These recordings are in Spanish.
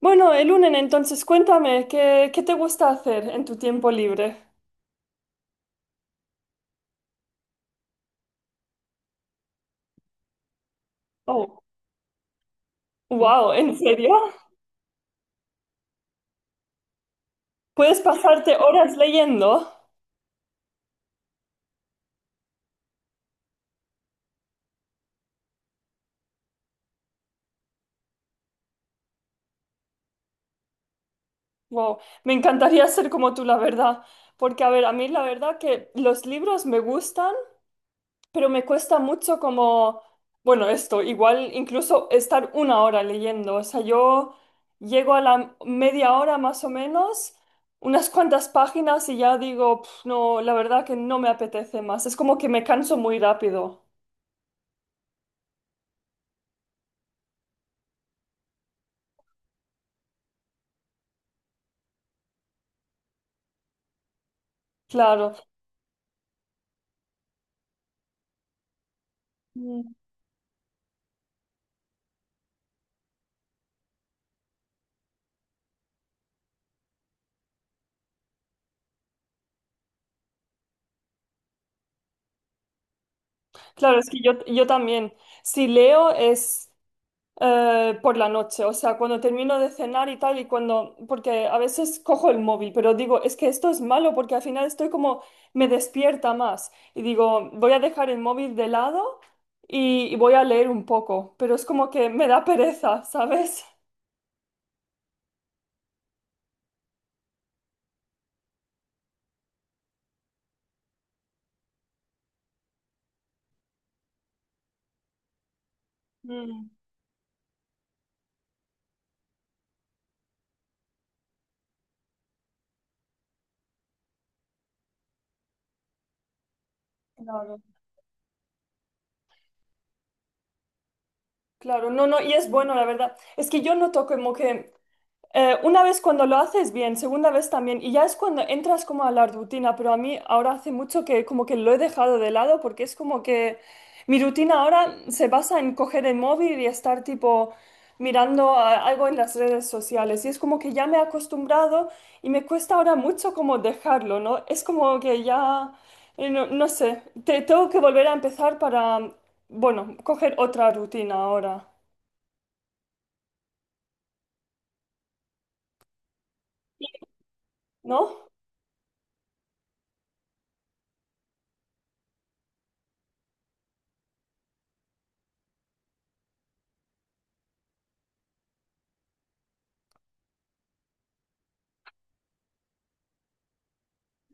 Bueno, el lunes entonces cuéntame, ¿qué te gusta hacer en tu tiempo libre? Oh, wow, ¿en serio? ¿Puedes pasarte horas leyendo? Wow, me encantaría ser como tú, la verdad. Porque, a ver, a mí la verdad que los libros me gustan, pero me cuesta mucho como, bueno, esto, igual incluso estar una hora leyendo, o sea, yo llego a la media hora más o menos, unas cuantas páginas y ya digo, "Pf, no, la verdad que no me apetece más, es como que me canso muy rápido, claro. Mm, claro, es que yo también, si leo es por la noche, o sea, cuando termino de cenar y tal, y cuando, porque a veces cojo el móvil, pero digo, es que esto es malo porque al final estoy como, me despierta más. Y digo, voy a dejar el móvil de lado y voy a leer un poco, pero es como que me da pereza, ¿sabes? Mm, claro. Claro, no, no, y es bueno, la verdad. Es que yo noto como que una vez cuando lo haces bien, segunda vez también, y ya es cuando entras como a la rutina, pero a mí ahora hace mucho que como que lo he dejado de lado porque es como que mi rutina ahora se basa en coger el móvil y estar tipo mirando algo en las redes sociales y es como que ya me he acostumbrado y me cuesta ahora mucho como dejarlo, ¿no? Es como que ya, no, no sé, tengo que volver a empezar para, bueno, coger otra rutina ahora, ¿no?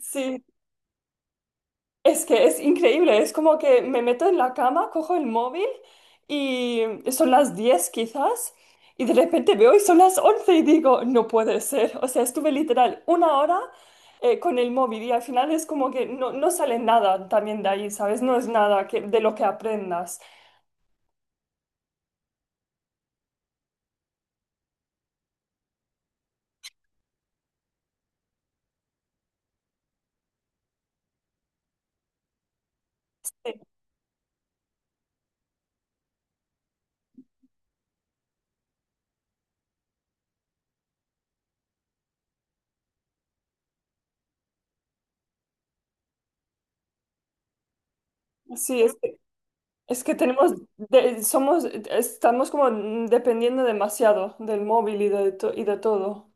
Sí. Es que es increíble, es como que me meto en la cama, cojo el móvil y son las 10 quizás y de repente veo y son las 11 y digo, no puede ser. O sea, estuve literal una hora con el móvil y al final es como que no, no sale nada también de ahí, ¿sabes? No es nada que, de lo que aprendas. Sí, es que tenemos, somos, estamos como dependiendo demasiado del móvil y de todo.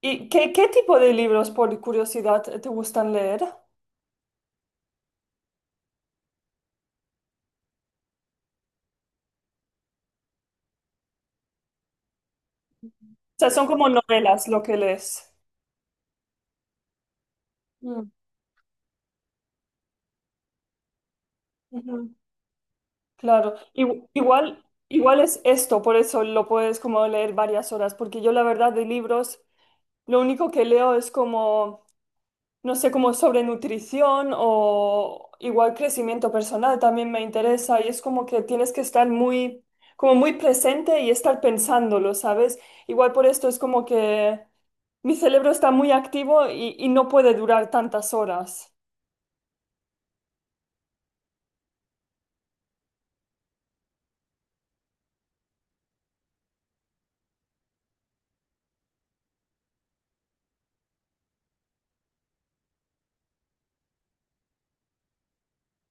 ¿Y qué tipo de libros, por curiosidad, te gustan leer? O sea, son como novelas lo que lees. Mm, ujú, claro. Igual es esto, por eso lo puedes como leer varias horas, porque yo la verdad de libros, lo único que leo es como, no sé, como sobre nutrición o igual crecimiento personal también me interesa y es como que tienes que estar muy, como muy presente y estar pensándolo, ¿sabes? Igual por esto es como que. Mi cerebro está muy activo y no puede durar tantas horas.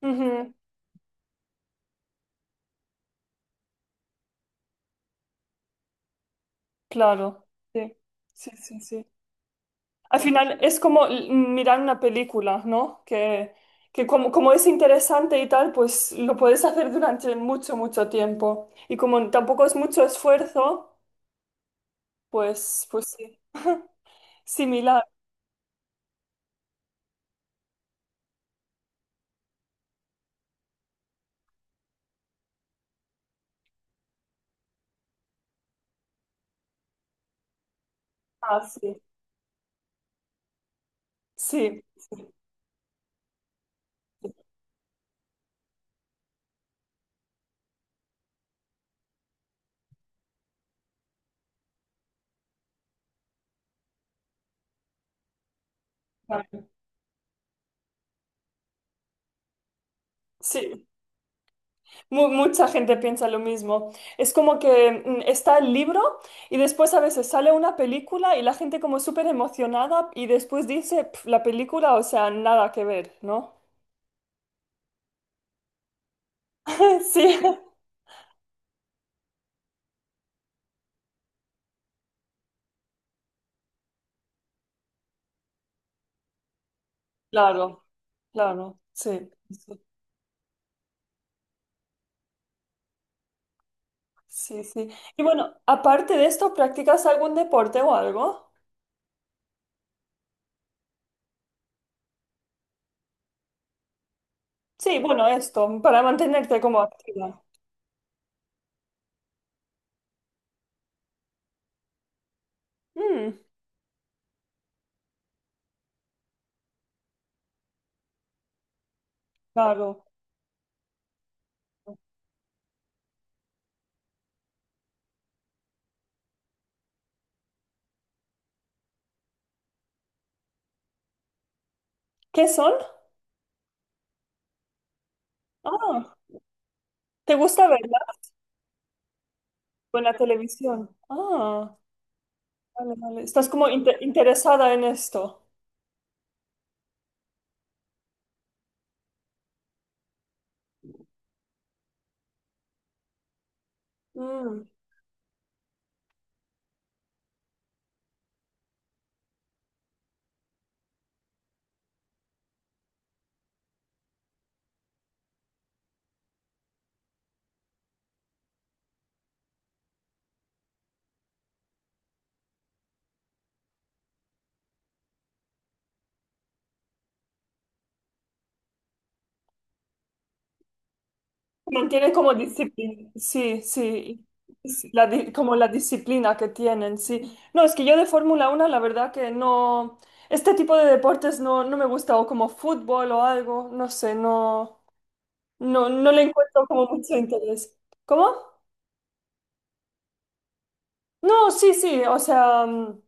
Ujú, claro, sí, sí, sí, sí. Al final es como mirar una película, ¿no? Que como es interesante y tal, pues lo puedes hacer durante mucho, mucho tiempo. Y como tampoco es mucho esfuerzo, pues sí. Similar. Ah, sí. Sí. Claro. Sí, mucha gente piensa lo mismo. Es como que está el libro y después a veces sale una película y la gente como súper emocionada y después dice, "Pf, la película, o sea, nada que ver, ¿no? Sí, claro, claro, sí, sí, sí. Sí. Y bueno, aparte de esto, ¿practicas algún deporte o algo? Sí, bueno, esto, para mantenerte como activa. Mm, claro. ¿Qué son? Ah, ¿te gusta verla? Buena televisión. Ah. Vale, vale. Estás como interesada en esto. Mm. Mantiene como disciplina. Sí, sí. Sí, la como la disciplina que tienen, sí. No, es que yo de Fórmula 1 la verdad que no. Este tipo de deportes no, no me gusta, o como fútbol o algo, no sé, no, no, no le encuentro como mucho interés. ¿Cómo? No, sí, sí, o sea,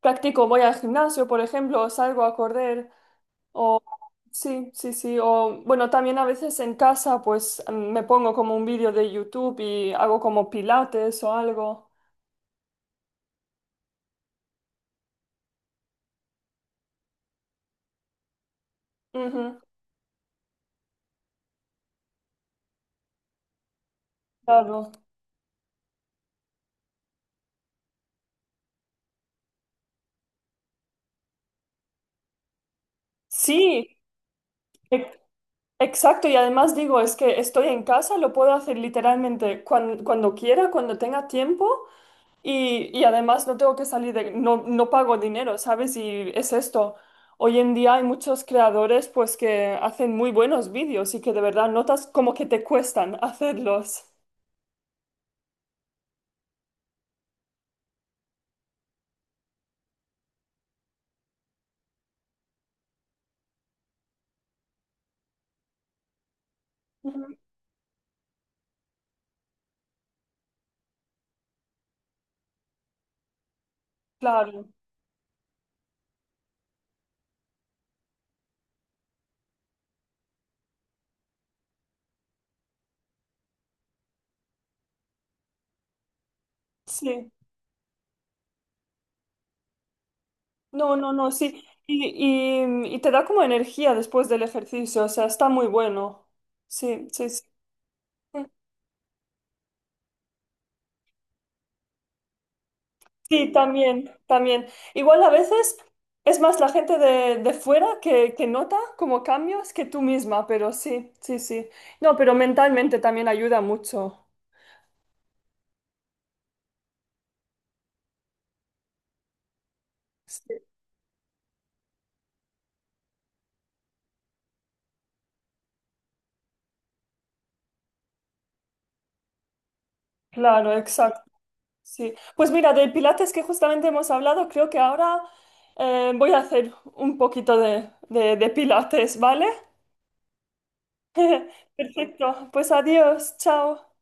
practico, voy al gimnasio, por ejemplo, o salgo a correr, o, sí, sí, sí. O, bueno, también a veces en casa, pues me pongo como un vídeo de YouTube y hago como pilates o algo. Ujú, claro. Sí, e- exacto. Y además digo, es que estoy en casa, lo puedo hacer literalmente cuando quiera, cuando tenga tiempo. Y además no tengo que salir de, no, no pago dinero, ¿sabes? Y es esto. Hoy en día hay muchos creadores pues que hacen muy buenos vídeos y que de verdad notas como que te cuestan hacerlos. Ujú, claro, sí. No, no, no, sí. Y te da como energía después del ejercicio, o sea, está muy bueno. Sí, sí, sí. Sí, también, también. Igual a veces es más la gente de fuera que nota como cambios que tú misma, pero sí, sí, sí. No, pero mentalmente también ayuda mucho. Sí, claro, exacto. Sí. Pues mira, del Pilates que justamente hemos hablado, creo que ahora voy a hacer un poquito de Pilates, ¿vale? Perfecto, pues adiós, chao.